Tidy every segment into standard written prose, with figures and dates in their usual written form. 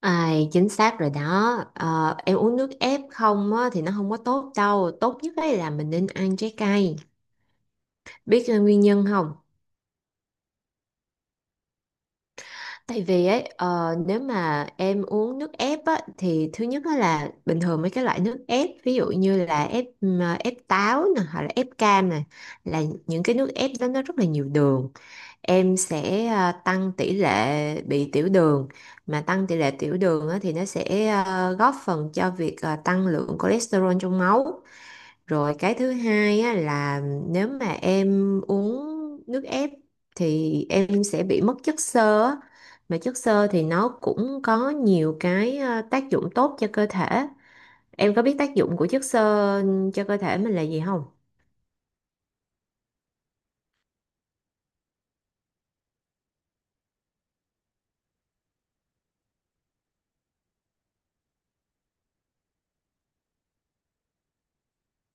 À, chính xác rồi đó. Ờ, em uống nước ép không á thì nó không có tốt đâu, tốt nhất ấy là mình nên ăn trái cây. Biết nguyên nhân không? Tại vì ấy, nếu mà em uống nước ép á thì thứ nhất á là bình thường mấy cái loại nước ép, ví dụ như là ép ép táo nè, hoặc là ép cam nè, là những cái nước ép đó nó rất là nhiều đường. Em sẽ tăng tỷ lệ bị tiểu đường, mà tăng tỷ lệ tiểu đường á thì nó sẽ góp phần cho việc tăng lượng cholesterol trong máu. Rồi cái thứ hai á, là nếu mà em uống nước ép thì em sẽ bị mất chất xơ á. Mà chất xơ thì nó cũng có nhiều cái tác dụng tốt cho cơ thể. Em có biết tác dụng của chất xơ cho cơ thể mình là gì không?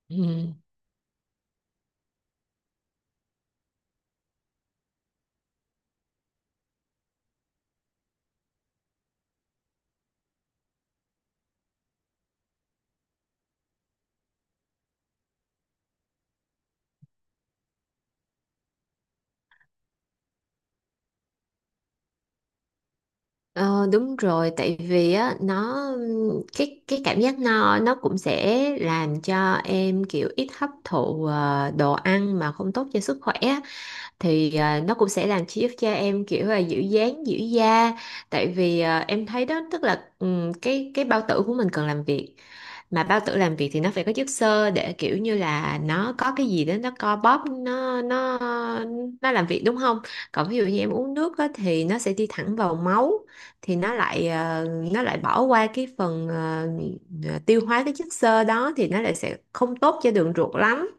Ừ. Ờ, đúng rồi, tại vì á nó, cái cảm giác no nó cũng sẽ làm cho em kiểu ít hấp thụ đồ ăn mà không tốt cho sức khỏe á. Thì ờ, nó cũng sẽ làm cho em kiểu là giữ dáng giữ da. Tại vì ờ, em thấy đó, tức là cái bao tử của mình cần làm việc, mà bao tử làm việc thì nó phải có chất xơ để kiểu như là nó có cái gì đó, nó co bóp, nó nó làm việc, đúng không? Còn ví dụ như em uống nước á thì nó sẽ đi thẳng vào máu, thì nó lại bỏ qua cái phần tiêu hóa cái chất xơ đó, thì nó lại sẽ không tốt cho đường ruột lắm.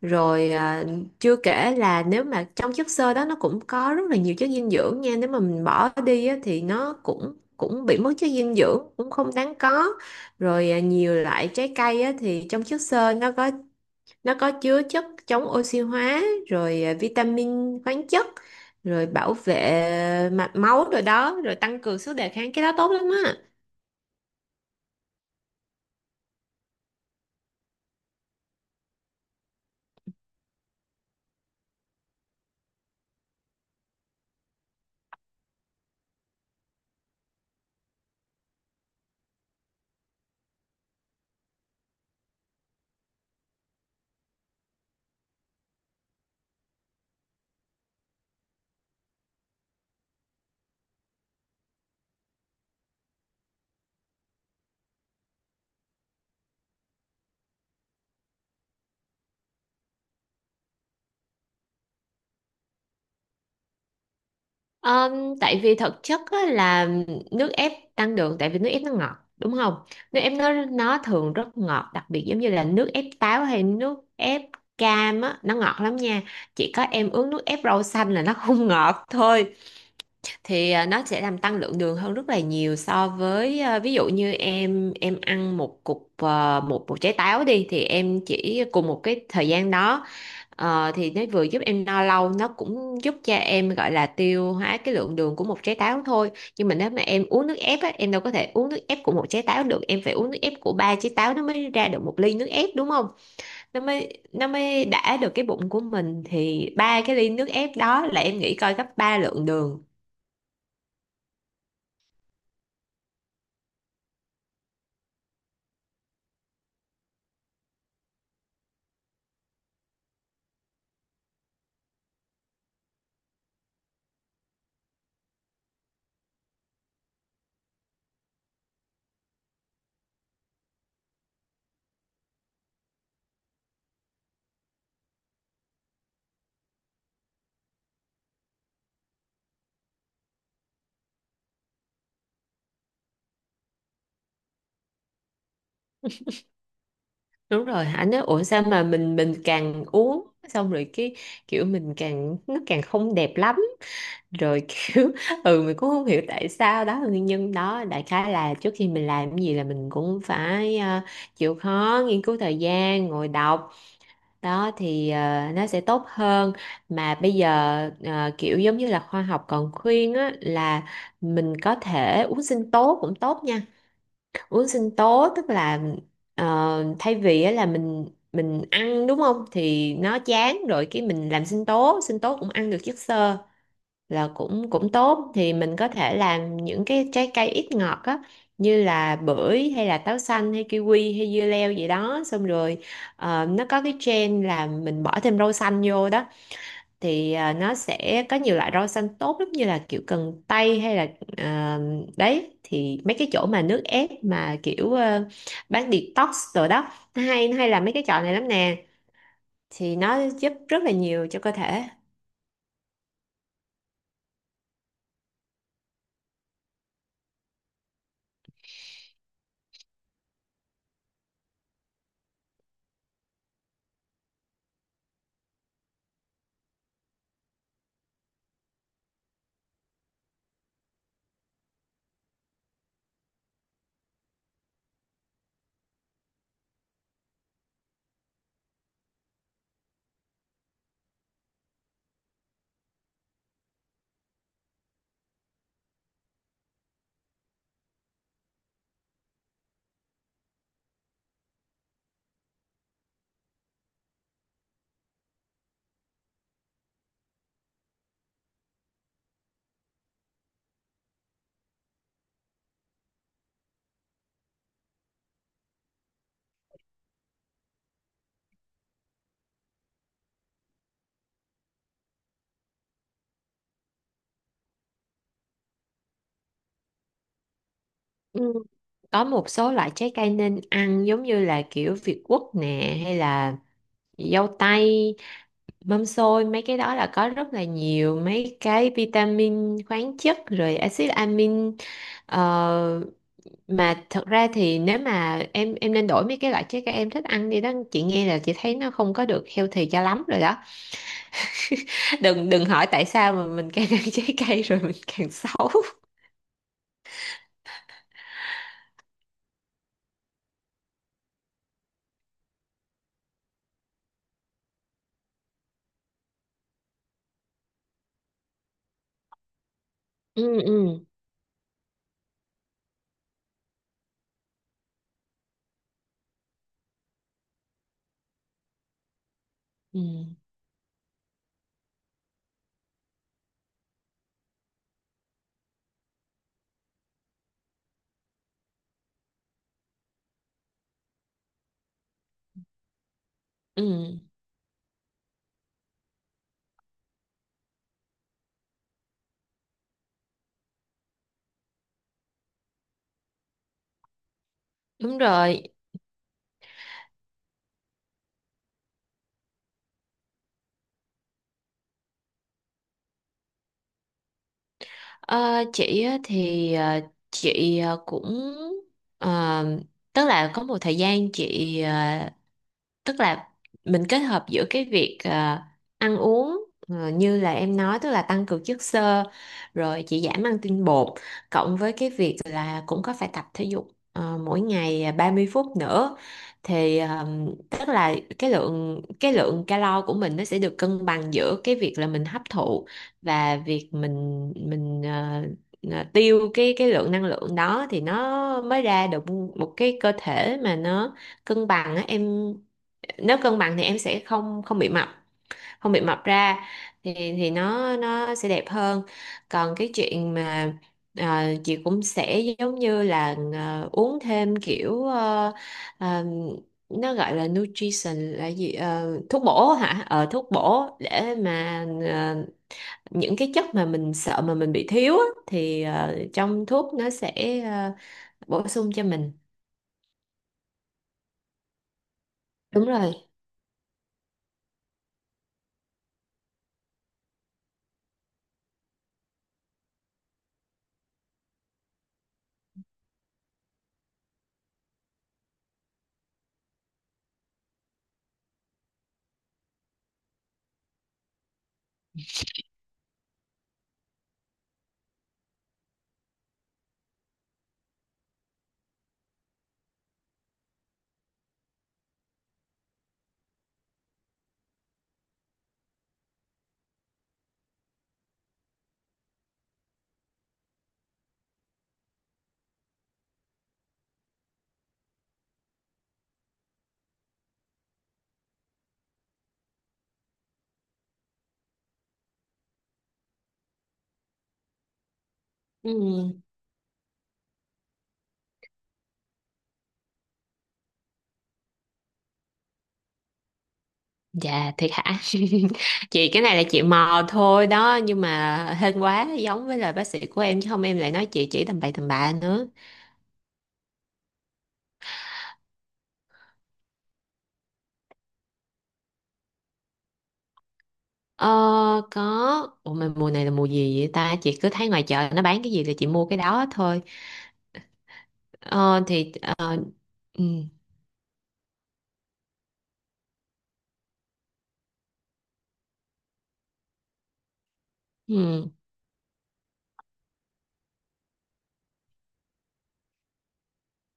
Rồi chưa kể là nếu mà trong chất xơ đó nó cũng có rất là nhiều chất dinh dưỡng nha. Nếu mà mình bỏ đi á thì nó cũng cũng bị mất chất dinh dưỡng, cũng không đáng có. Rồi à, nhiều loại trái cây á, thì trong chất xơ nó có, nó có chứa chất chống oxy hóa, rồi vitamin, khoáng chất, rồi bảo vệ mạch máu rồi đó, rồi tăng cường sức đề kháng, cái đó tốt lắm á. Tại vì thực chất á, là nước ép tăng đường tại vì nước ép nó ngọt, đúng không? Nước ép nó thường rất ngọt, đặc biệt giống như là nước ép táo hay nước ép cam á, nó ngọt lắm nha. Chỉ có em uống nước ép rau xanh là nó không ngọt thôi. Thì à, nó sẽ làm tăng lượng đường hơn rất là nhiều, so với ví dụ như em ăn một cục, à, một một trái táo đi, thì em chỉ cùng một cái thời gian đó thì nó vừa giúp em no lâu, nó cũng giúp cho em gọi là tiêu hóa cái lượng đường của một trái táo thôi. Nhưng mà nếu mà em uống nước ép á, em đâu có thể uống nước ép của một trái táo được, em phải uống nước ép của ba trái táo nó mới ra được một ly nước ép, đúng không? Nó mới đã được cái bụng của mình, thì ba cái ly nước ép đó là em nghĩ coi, gấp ba lượng đường. Đúng rồi, anh nói ủa sao mà mình càng uống xong rồi cái kiểu mình càng, nó càng không đẹp lắm. Rồi kiểu ừ, mình cũng không hiểu tại sao, đó là nguyên nhân đó. Đại khái là trước khi mình làm cái gì là mình cũng phải chịu khó nghiên cứu, thời gian ngồi đọc đó thì ờ, nó sẽ tốt hơn. Mà bây giờ kiểu giống như là khoa học còn khuyên á, là mình có thể uống sinh tố cũng tốt nha. Uống sinh tố tức là thay vì á là mình ăn, đúng không, thì nó chán rồi, cái mình làm sinh tố, sinh tố cũng ăn được chất xơ, là cũng cũng tốt. Thì mình có thể làm những cái trái cây ít ngọt á, như là bưởi, hay là táo xanh, hay kiwi, hay dưa leo gì đó. Xong rồi nó có cái trend là mình bỏ thêm rau xanh vô đó, thì à, nó sẽ có nhiều loại rau xanh tốt lắm, như là kiểu cần tây, hay là à, đấy, thì mấy cái chỗ mà nước ép mà kiểu bán detox rồi đó, nó hay là mấy cái chợ này lắm nè, thì nó giúp rất là nhiều cho cơ thể. Ừ. Có một số loại trái cây nên ăn, giống như là kiểu việt quất nè, hay là dâu tây, mâm xôi, mấy cái đó là có rất là nhiều mấy cái vitamin, khoáng chất, rồi axit amin. Ờ, mà thật ra thì nếu mà em nên đổi mấy cái loại trái cây em thích ăn đi đó, chị nghe là chị thấy nó không có được healthy cho lắm rồi đó. đừng đừng hỏi tại sao mà mình càng ăn trái cây rồi mình càng xấu. Ừ ừ ừ ừ Đúng rồi. Ờ, chị á thì chị cũng ờ, tức là có một thời gian chị, tức là mình kết hợp giữa cái việc ăn uống như là em nói, tức là tăng cường chất xơ, rồi chỉ giảm ăn tinh bột, cộng với cái việc là cũng có phải tập thể dục mỗi ngày 30 phút nữa. Thì tức là cái lượng calo của mình nó sẽ được cân bằng giữa cái việc là mình hấp thụ, và việc mình tiêu cái lượng năng lượng đó, thì nó mới ra được một cái cơ thể mà nó cân bằng á em. Nếu cân bằng thì em sẽ không không bị mập, không bị mập ra, thì nó sẽ đẹp hơn. Còn cái chuyện mà ờ, chị cũng sẽ giống như là uống thêm kiểu ờ, nó gọi là nutrition là gì. Ờ, thuốc bổ hả, ờ thuốc bổ, để mà những cái chất mà mình sợ mà mình bị thiếu á, thì ờ, trong thuốc nó sẽ bổ sung cho mình. Đúng rồi. Ừ. Dạ thiệt hả? Chị cái này là chị mò thôi đó, nhưng mà hên quá giống với lời bác sĩ của em, chứ không em lại nói chị chỉ tầm bậy tầm bạ nữa. Ờ có, ủa mà mùa này là mùa gì vậy ta? Chị cứ thấy ngoài chợ nó bán cái gì là chị mua cái đó thôi. Ờ thì ờ, ừ. Ừ.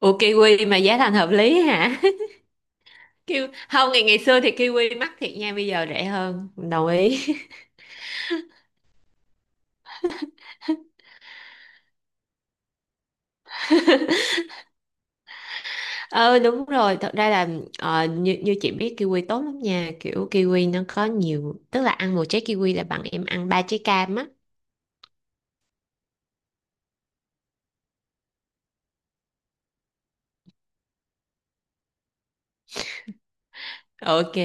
Ủa kiwi mà giá thành hợp lý hả? Kiwi... Không, ngày ngày xưa thì kiwi mắc thiệt nha, bây giờ rẻ hơn. Đồng ý. Ờ đúng rồi, thật ra là ờ, như, như chị biết kiwi tốt lắm nha, kiểu kiwi nó có nhiều, tức là ăn một trái kiwi là bằng em ăn ba trái cam á. Ok.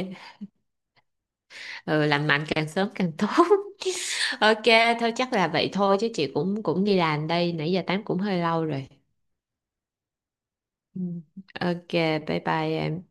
Ừ, lành mạnh càng sớm càng tốt. Ok, thôi chắc là vậy thôi, chứ chị cũng cũng đi làm đây, nãy giờ tám cũng hơi lâu rồi. Ừ. Ok, bye bye em.